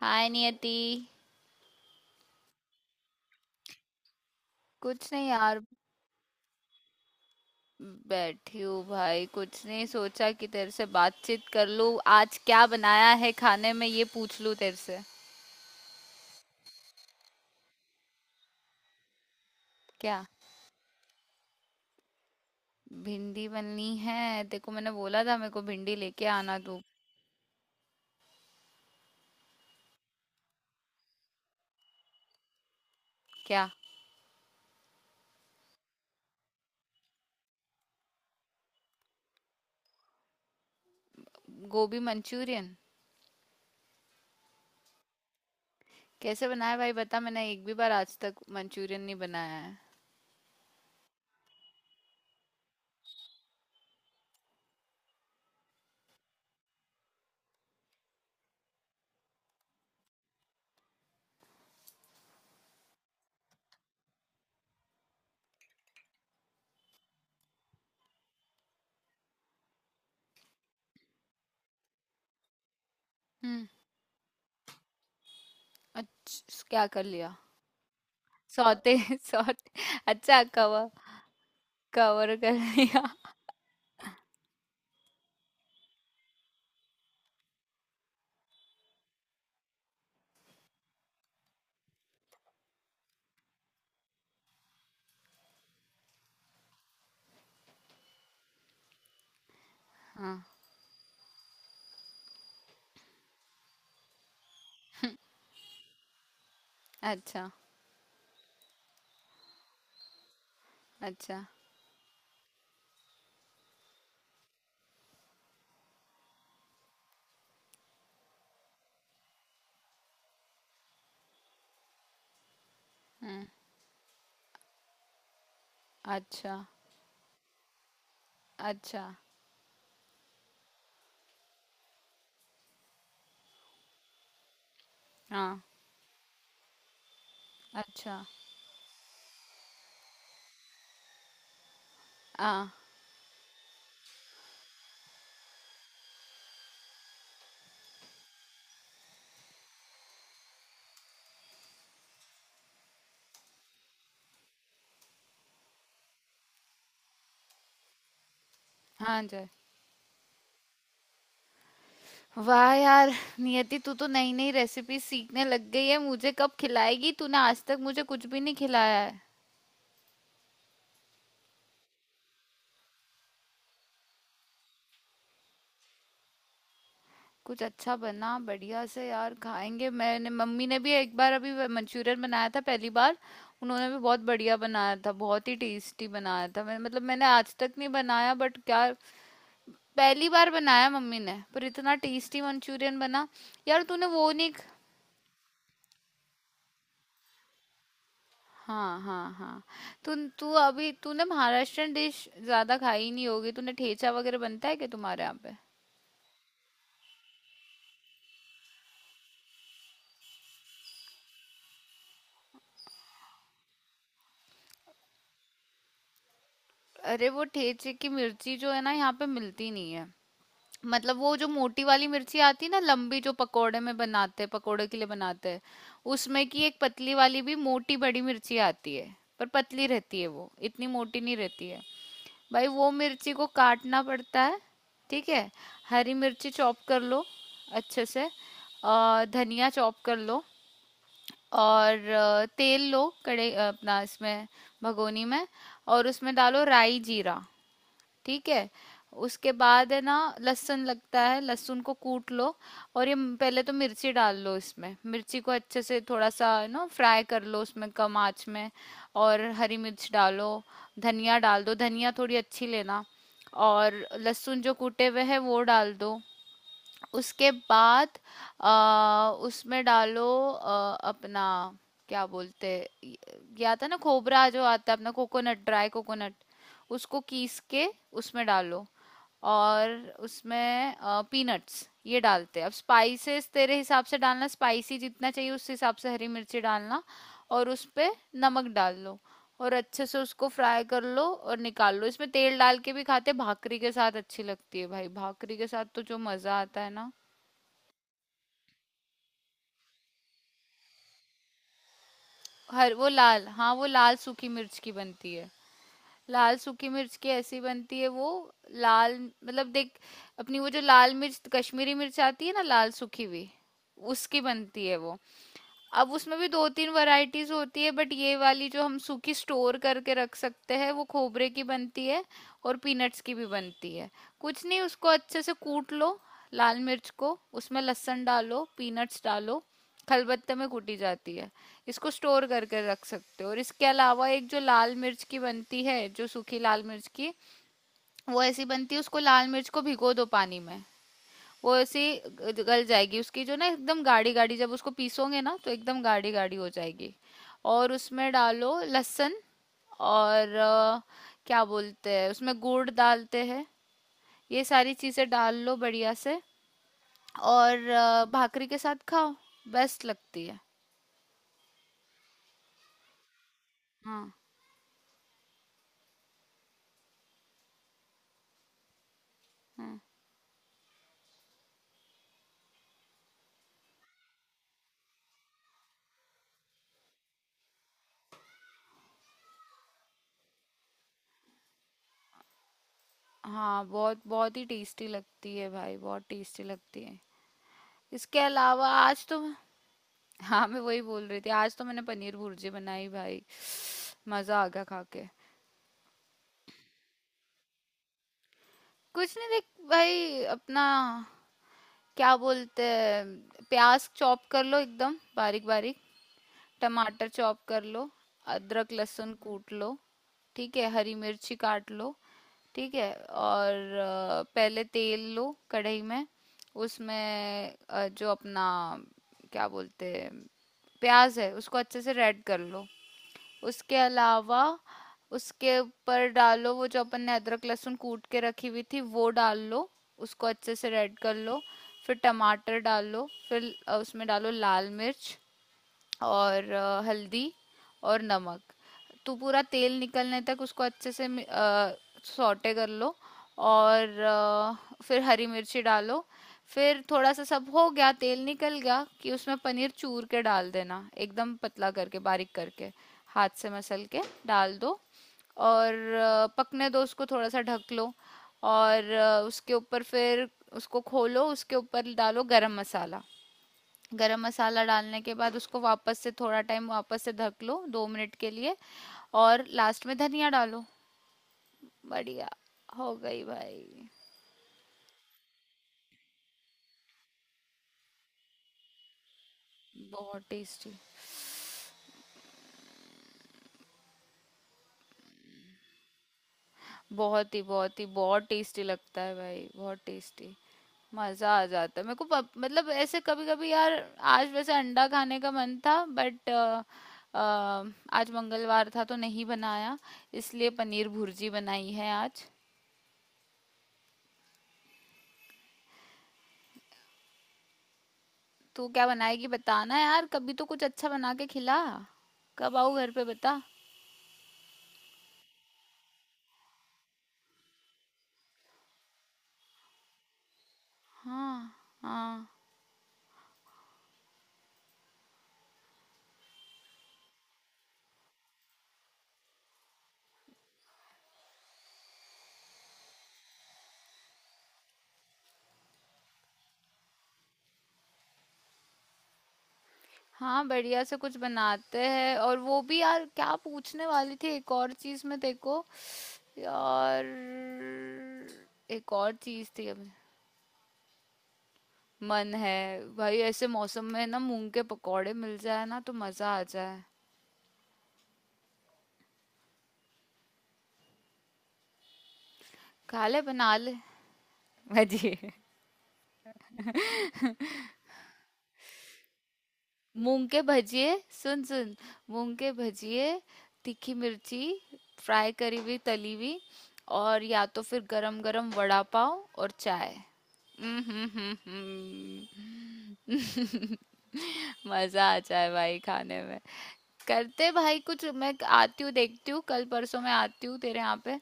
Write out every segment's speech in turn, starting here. हाय नियति। कुछ नहीं यार। बैठी हूँ भाई, कुछ नहीं, सोचा कि तेरे से बातचीत कर लूँ, आज क्या बनाया है खाने में ये पूछ लूँ तेरे से। क्या? भिंडी बननी है, देखो मैंने बोला था मेरे को भिंडी लेके आना तू। क्या? गोभी मंचूरियन? कैसे बनाया भाई बता, मैंने एक भी बार आज तक मंचूरियन नहीं बनाया है। हम्म। अच्छा क्या कर लिया? Saute saute. अच्छा, कवर। कवर कर लिया। हाँ। अच्छा। अच्छा। हम्म। अच्छा, अच्छा। हाँ, अच्छा। हाँ, हाँ जी। वाह यार! नियति तू तो नई-नई रेसिपी सीखने लग गई है। मुझे कब खिलाएगी? तूने आज तक मुझे कुछ भी नहीं खिलाया है। कुछ अच्छा बना बढ़िया से यार खाएँगे। मैंने मम्मी ने भी एक बार अभी व मंचूरियन बनाया था पहली बार। उन्होंने भी बहुत बढ़िया बनाया था, बहुत ही टेस्टी बनाया था। मैं मतलब मैंने आज तक नहीं बनाया बट क्या। पहली बार बनाया मम्मी ने, पर इतना टेस्टी मंचूरियन बना। यार तूने वो नहीं ख हाँ, हाँ, हाँ। तू तू अभी तूने महाराष्ट्रन डिश ज्यादा खाई नहीं होगी, तूने ठेचा वगैरह बनता है क्या तुम्हारे यहाँ पे? अरे वो ठेचे की मिर्ची जो है ना यहाँ पे मिलती नहीं है। मतलब वो जो मोटी वाली मिर्ची आती है ना, लंबी, जो पकोड़े में बनाते हैं, पकोड़े के लिए बनाते हैं, उसमें की एक पतली वाली भी मोटी बड़ी मिर्ची आती है, पर पतली रहती है, वो इतनी मोटी नहीं रहती है। भाई वो मिर्ची को काटना पड़ता है। ठीक है। हरी मिर्ची चॉप कर लो अच्छे से। और धनिया चॉप कर लो। और तेल लो कड़े अपना इसमें, भगोनी में। और उसमें डालो राई जीरा। ठीक है। उसके बाद है ना, लहसुन लगता है, लहसुन को कूट लो। और ये पहले तो मिर्ची डाल लो, इसमें मिर्ची को अच्छे से थोड़ा सा ना फ्राई कर लो उसमें कम आंच में। और हरी मिर्च डालो। धनिया डाल दो, धनिया थोड़ी अच्छी लेना। और लहसुन जो कूटे हुए है वो डाल दो। उसके बाद उसमें डालो अपना क्या बोलते, ये आता है ना खोबरा जो आता है अपना, कोकोनट, ड्राई कोकोनट। उसको कीस के उसमें डालो। और उसमें पीनट्स ये डालते हैं। अब स्पाइसेस तेरे हिसाब से डालना, स्पाइसी जितना चाहिए उस हिसाब से हरी मिर्ची डालना। और उस पे नमक डाल लो। और अच्छे से उसको फ्राई कर लो और निकाल लो। इसमें तेल डाल के भी खाते, भाकरी के साथ अच्छी लगती है भाई, भाकरी के साथ तो जो मजा आता है ना। हर वो लाल, हाँ वो लाल सूखी मिर्च की बनती है। लाल सूखी मिर्च की ऐसी बनती है वो। लाल, मतलब देख, अपनी वो जो लाल मिर्च, कश्मीरी मिर्च आती है ना लाल सूखी भी, उसकी बनती है वो। अब उसमें भी दो तीन वैरायटीज होती है, बट ये वाली जो हम सूखी स्टोर करके रख सकते हैं वो खोबरे की बनती है। और पीनट्स की भी बनती है। कुछ नहीं उसको अच्छे से कूट लो, लाल मिर्च को, उसमें लहसुन डालो, पीनट्स डालो, खलबत्ते में कूटी जाती है। इसको स्टोर करके रख सकते हो। और इसके अलावा एक जो लाल मिर्च की बनती है, जो सूखी लाल मिर्च की, वो ऐसी बनती है। उसको, लाल मिर्च को भिगो दो पानी में, वो ऐसी गल जाएगी, उसकी जो ना एकदम गाढ़ी गाढ़ी, जब उसको पीसोगे ना तो एकदम गाढ़ी गाढ़ी हो जाएगी। और उसमें डालो लहसुन। और क्या बोलते हैं, उसमें गुड़ डालते हैं। ये सारी चीज़ें डाल लो बढ़िया से। और भाकरी के साथ खाओ, बेस्ट लगती है। हाँ, हाँ, हाँ, बहुत, बहुत ही टेस्टी लगती है भाई, बहुत टेस्टी लगती है। इसके अलावा आज तो हाँ मैं वही बोल रही थी, आज तो मैंने पनीर भुर्जी बनाई भाई। मजा आ गया खा के। कुछ नहीं देख, भाई अपना क्या बोलते हैं, प्याज चॉप कर लो एकदम बारीक बारीक। टमाटर चॉप कर लो। अदरक लहसुन कूट लो। ठीक है, हरी मिर्ची काट लो। ठीक है, और पहले तेल लो कढ़ाई में। उसमें जो अपना क्या बोलते हैं, प्याज है उसको अच्छे से रेड कर लो। उसके अलावा उसके ऊपर डालो वो जो अपन ने अदरक लहसुन कूट के रखी हुई थी, वो डाल लो। उसको अच्छे से रेड कर लो। फिर टमाटर डालो। फिर उसमें डालो लाल मिर्च और हल्दी और नमक। तो पूरा तेल निकलने तक उसको अच्छे से सौटे कर लो। और फिर हरी मिर्ची डालो। फिर थोड़ा सा सब हो गया, तेल निकल गया, कि उसमें पनीर चूर के डाल देना एकदम पतला करके बारीक करके, हाथ से मसल के डाल दो। और पकने दो उसको, थोड़ा सा ढक लो। और उसके ऊपर फिर उसको खोलो, उसके ऊपर डालो गरम मसाला। गरम मसाला डालने के बाद उसको वापस से थोड़ा टाइम वापस से ढक लो 2 मिनट के लिए। और लास्ट में धनिया डालो। बढ़िया, हो गई भाई। बहुत टेस्टी, बहुत ही बहुत ही बहुत टेस्टी लगता है भाई, बहुत टेस्टी। मज़ा आ जाता है मेरे को मतलब ऐसे कभी कभी यार। आज वैसे अंडा खाने का मन था बट आज मंगलवार था तो नहीं बनाया। इसलिए पनीर भुर्जी बनाई है आज। तू क्या बनाएगी बताना यार, कभी तो कुछ अच्छा बना के खिला। कब आऊँ घर पे बता। हाँ, हाँ, हाँ, बढ़िया से कुछ बनाते हैं। और वो भी यार क्या पूछने वाली थी एक और चीज़, में देखो यार, एक और चीज़ थी अब। मन है। भाई ऐसे मौसम में ना मूंग के पकौड़े मिल जाए ना तो मज़ा आ जाए। खा ले, बना ले। भजी, मूंग के भजिए। सुन सुन, मूंग के भजिए, तीखी मिर्ची फ्राई करी हुई, तली हुई। और या तो फिर गरम गरम वड़ा पाव और चाय। मजा आ जाए भाई खाने में। करते भाई कुछ। मैं आती हूँ देखती हूँ, कल परसों मैं आती हूँ तेरे यहाँ पे।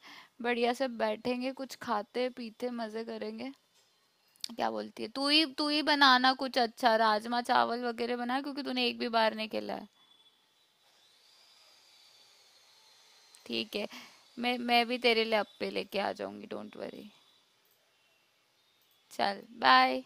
बढ़िया से बैठेंगे, कुछ खाते पीते मजे करेंगे। क्या बोलती है? तू ही, तू ही बनाना कुछ अच्छा, राजमा चावल वगैरह बना क्योंकि तूने एक भी बार नहीं खेला है। ठीक है। मैं भी तेरे लिए अप्पे लेके आ जाऊंगी, डोंट वरी। चल, बाय।